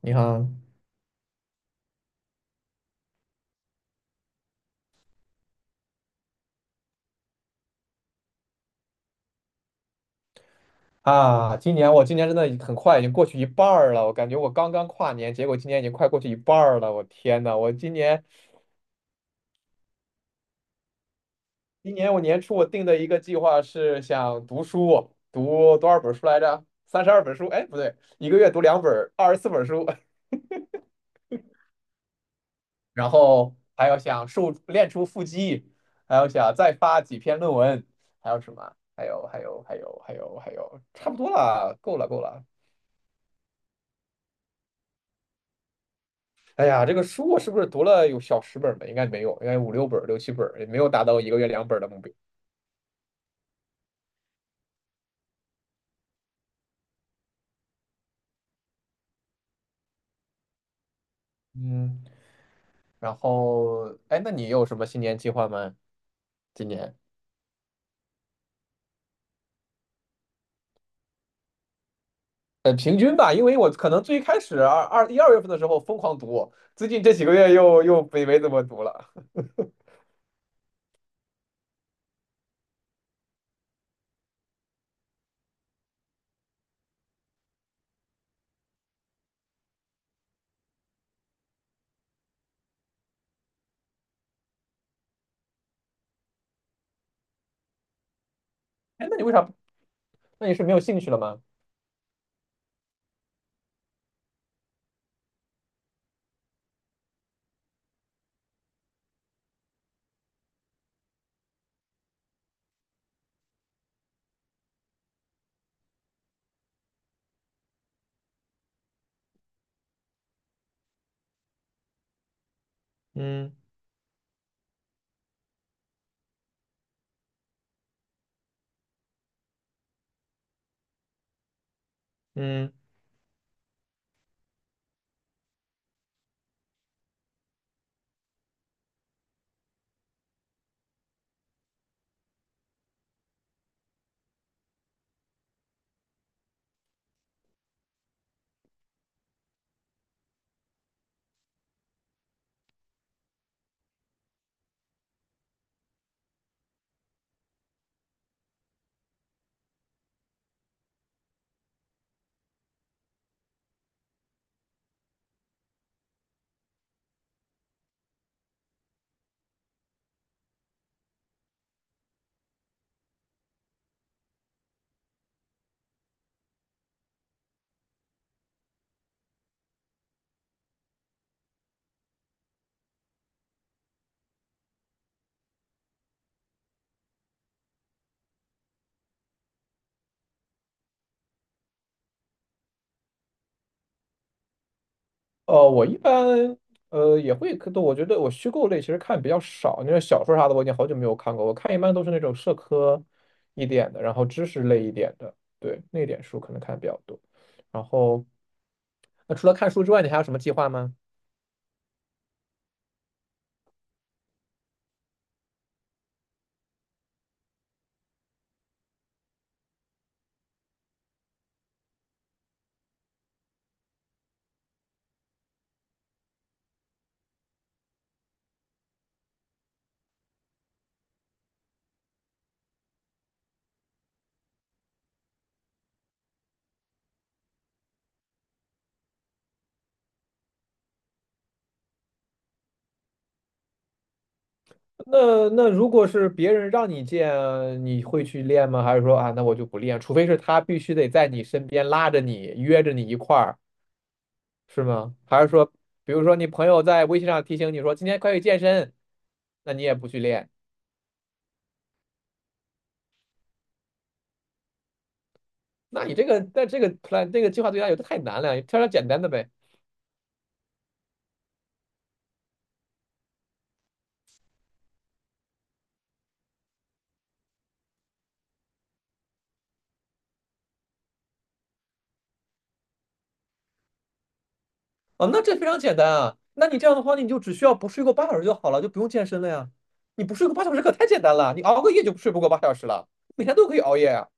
你好啊！今年真的很快，已经过去一半儿了。我感觉我刚刚跨年，结果今年已经快过去一半儿了。我天呐，我今年今年我年初我定的一个计划是想读书，读多少本书来着？32本书，哎，不对，一个月读两本，24本书。然后还要想瘦练出腹肌，还要想再发几篇论文，还有什么？还有，差不多了，够了够了。哎呀，这个书我是不是读了有小十本儿吧？应该没有，应该五六本儿、六七本儿，也没有达到一个月2本儿的目标。嗯，然后，哎，那你有什么新年计划吗？今年，平均吧，因为我可能最开始1、2月份的时候疯狂读，最近这几个月又没怎么读了。哎，那你为啥？那你是没有兴趣了吗？嗯嗯。呃，我一般也会，可我觉得我虚构类其实看比较少，那种小说啥的我已经好久没有看过，我看一般都是那种社科一点的，然后知识类一点的，对，那点书可能看得比较多。然后，那除了看书之外，你还有什么计划吗？那如果是别人让你见，你会去练吗？还是说啊，那我就不练，除非是他必须得在你身边拉着你，约着你一块儿，是吗？还是说，比如说你朋友在微信上提醒你说今天快去健身，那你也不去练？那你这个在这个 plan 这个计划对他有的太难了，挑点简单的呗。哦，那这非常简单啊。那你这样的话，你就只需要不睡够八小时就好了，就不用健身了呀。你不睡够八小时可太简单了，你熬个夜就睡不过八小时了，每天都可以熬夜啊。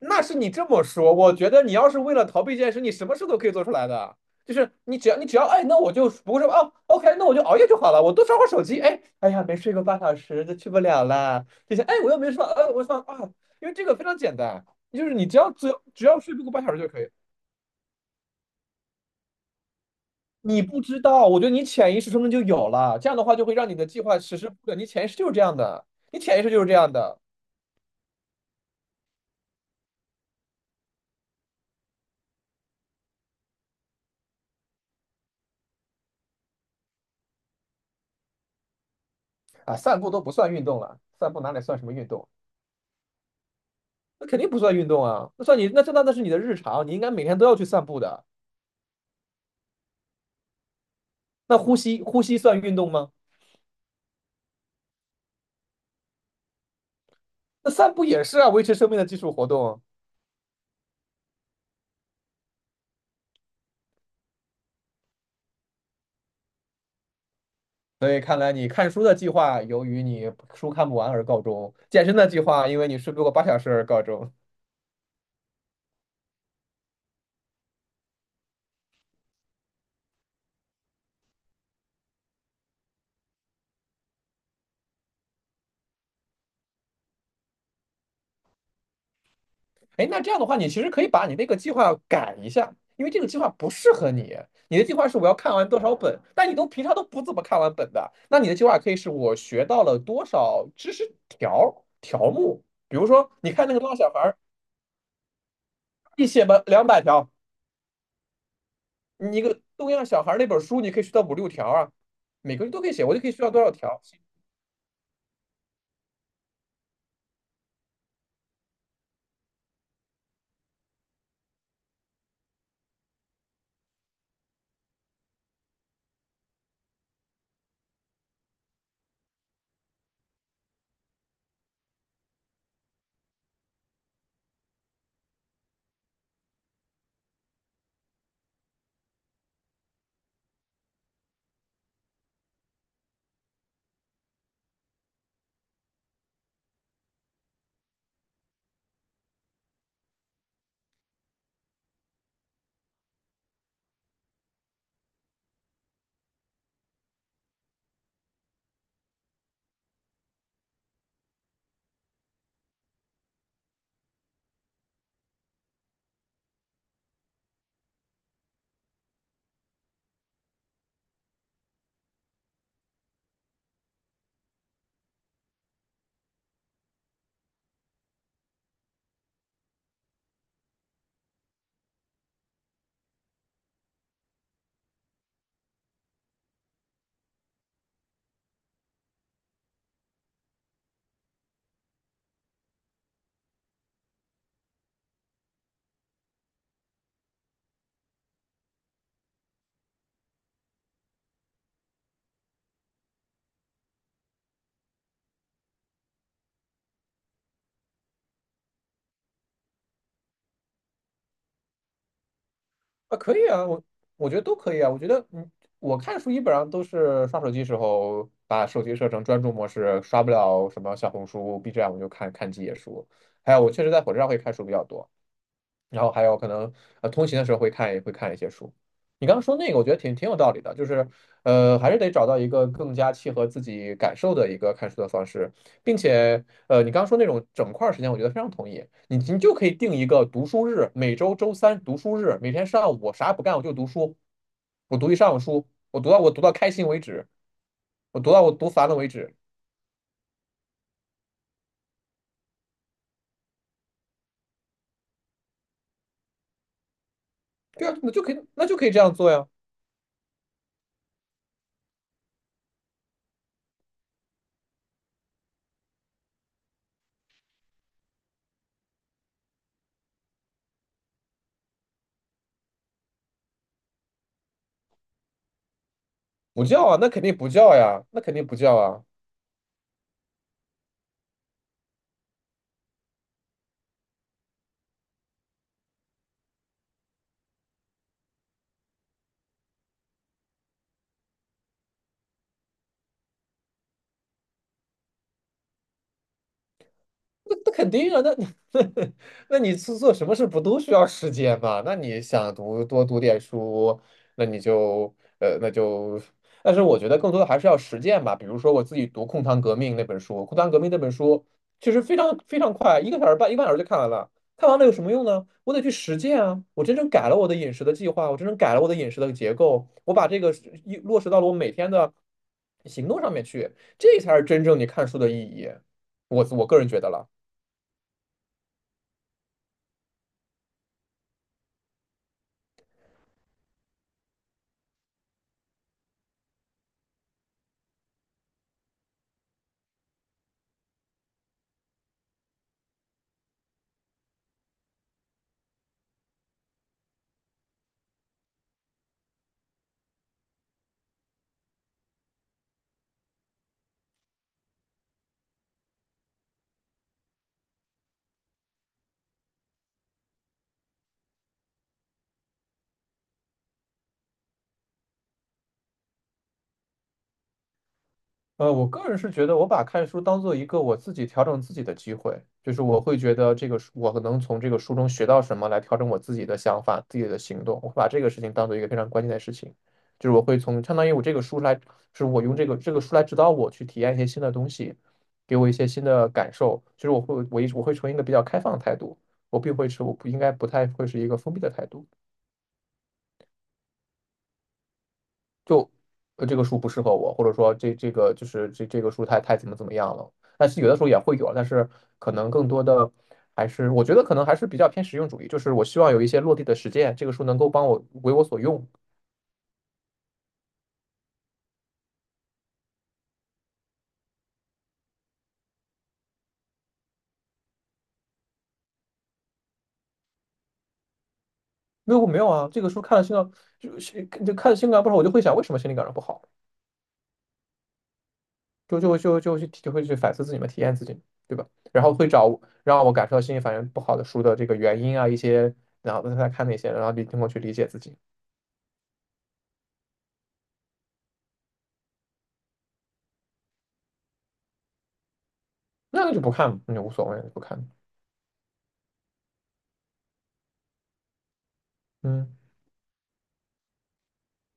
那是你这么说，我觉得你要是为了逃避这件事，你什么事都可以做出来的。就是你只要哎，那我就不会说哦，OK，那我就熬夜就好了，我多刷会手机。哎，哎呀，没睡个半小时就去不了了。这些哎，我又没说我说啊，因为这个非常简单，就是你只要睡不够八小时就可以。你不知道，我觉得你潜意识中就有了，这样的话就会让你的计划实施不了。你潜意识就是这样的，你潜意识就是这样的啊。散步都不算运动了，散步哪里算什么运动？那肯定不算运动啊，那算你那这那那是你的日常，你应该每天都要去散步的。那呼吸算运动吗？那散步也是啊，维持生命的基础活动。所以看来你看书的计划由于你书看不完而告终，健身的计划因为你睡不够八小时而告终。哎，那这样的话，你其实可以把你那个计划改一下，因为这个计划不适合你。你的计划是我要看完多少本，但你都平常都不怎么看完本的，那你的计划可以是我学到了多少知识条目。比如说，你看那个《拉小孩》，你写吧，200条。你一个东亚小孩那本书，你可以学到五六条啊，每个人都可以写，我就可以学到多少条啊？可以啊，我觉得都可以啊，我觉得嗯，我看书基本上都是刷手机时候把手机设成专注模式，刷不了什么小红书、B 站，我就看看几页书，还有我确实在火车上会看书比较多，然后还有可能通勤的时候会看一些书。你刚刚说那个，我觉得挺有道理的，就是还是得找到一个更加契合自己感受的一个看书的方式，并且你刚刚说那种整块儿时间，我觉得非常同意。你就可以定一个读书日，每周周三读书日，每天上午我啥也不干，我就读书，我读一上午书，我读到开心为止，我读烦了为止。对啊，那就可以这样做呀。不叫啊，那肯定不叫呀，那肯定不叫啊。那那肯定啊，那 那你是做什么事不都需要时间嘛？那你想读多读点书，那你就那就，但是我觉得更多的还是要实践吧。比如说我自己读《控糖革命》那本书，《控糖革命》那本书其实非常快，1个半小时就看完了。看完了有什么用呢？我得去实践啊！我真正改了我的饮食的计划，我真正改了我的饮食的结构，我把这个是一落实到了我每天的行动上面去，这才是真正你看书的意义。我个人觉得了。呃，我个人是觉得，我把看书当做一个我自己调整自己的机会，就是我会觉得这个书，我能从这个书中学到什么，来调整我自己的想法、自己的行动。我会把这个事情当做一个非常关键的事情，就是我会从相当于我这个书来，就是我用这个书来指导我去体验一些新的东西，给我一些新的感受。就是我会从一个比较开放的态度，我并会是我不应该不太会是一个封闭的态度。就呃，这个书不适合我，或者说这个就是这个书太怎么样了。但是有的时候也会有，但是可能更多的还是我觉得可能还是比较偏实用主义，就是我希望有一些落地的实践，这个书能够帮我为我所用。没有啊，这个书看了心脏就是就看了心感不好，我就会想为什么心理感受不好，就会去反思自己嘛，体验自己，对吧？然后会找让我感受到心理反应不好的书的这个原因啊，一些然后再看那些，然后通过去理解自己，那就不看也无所谓，就不看。嗯。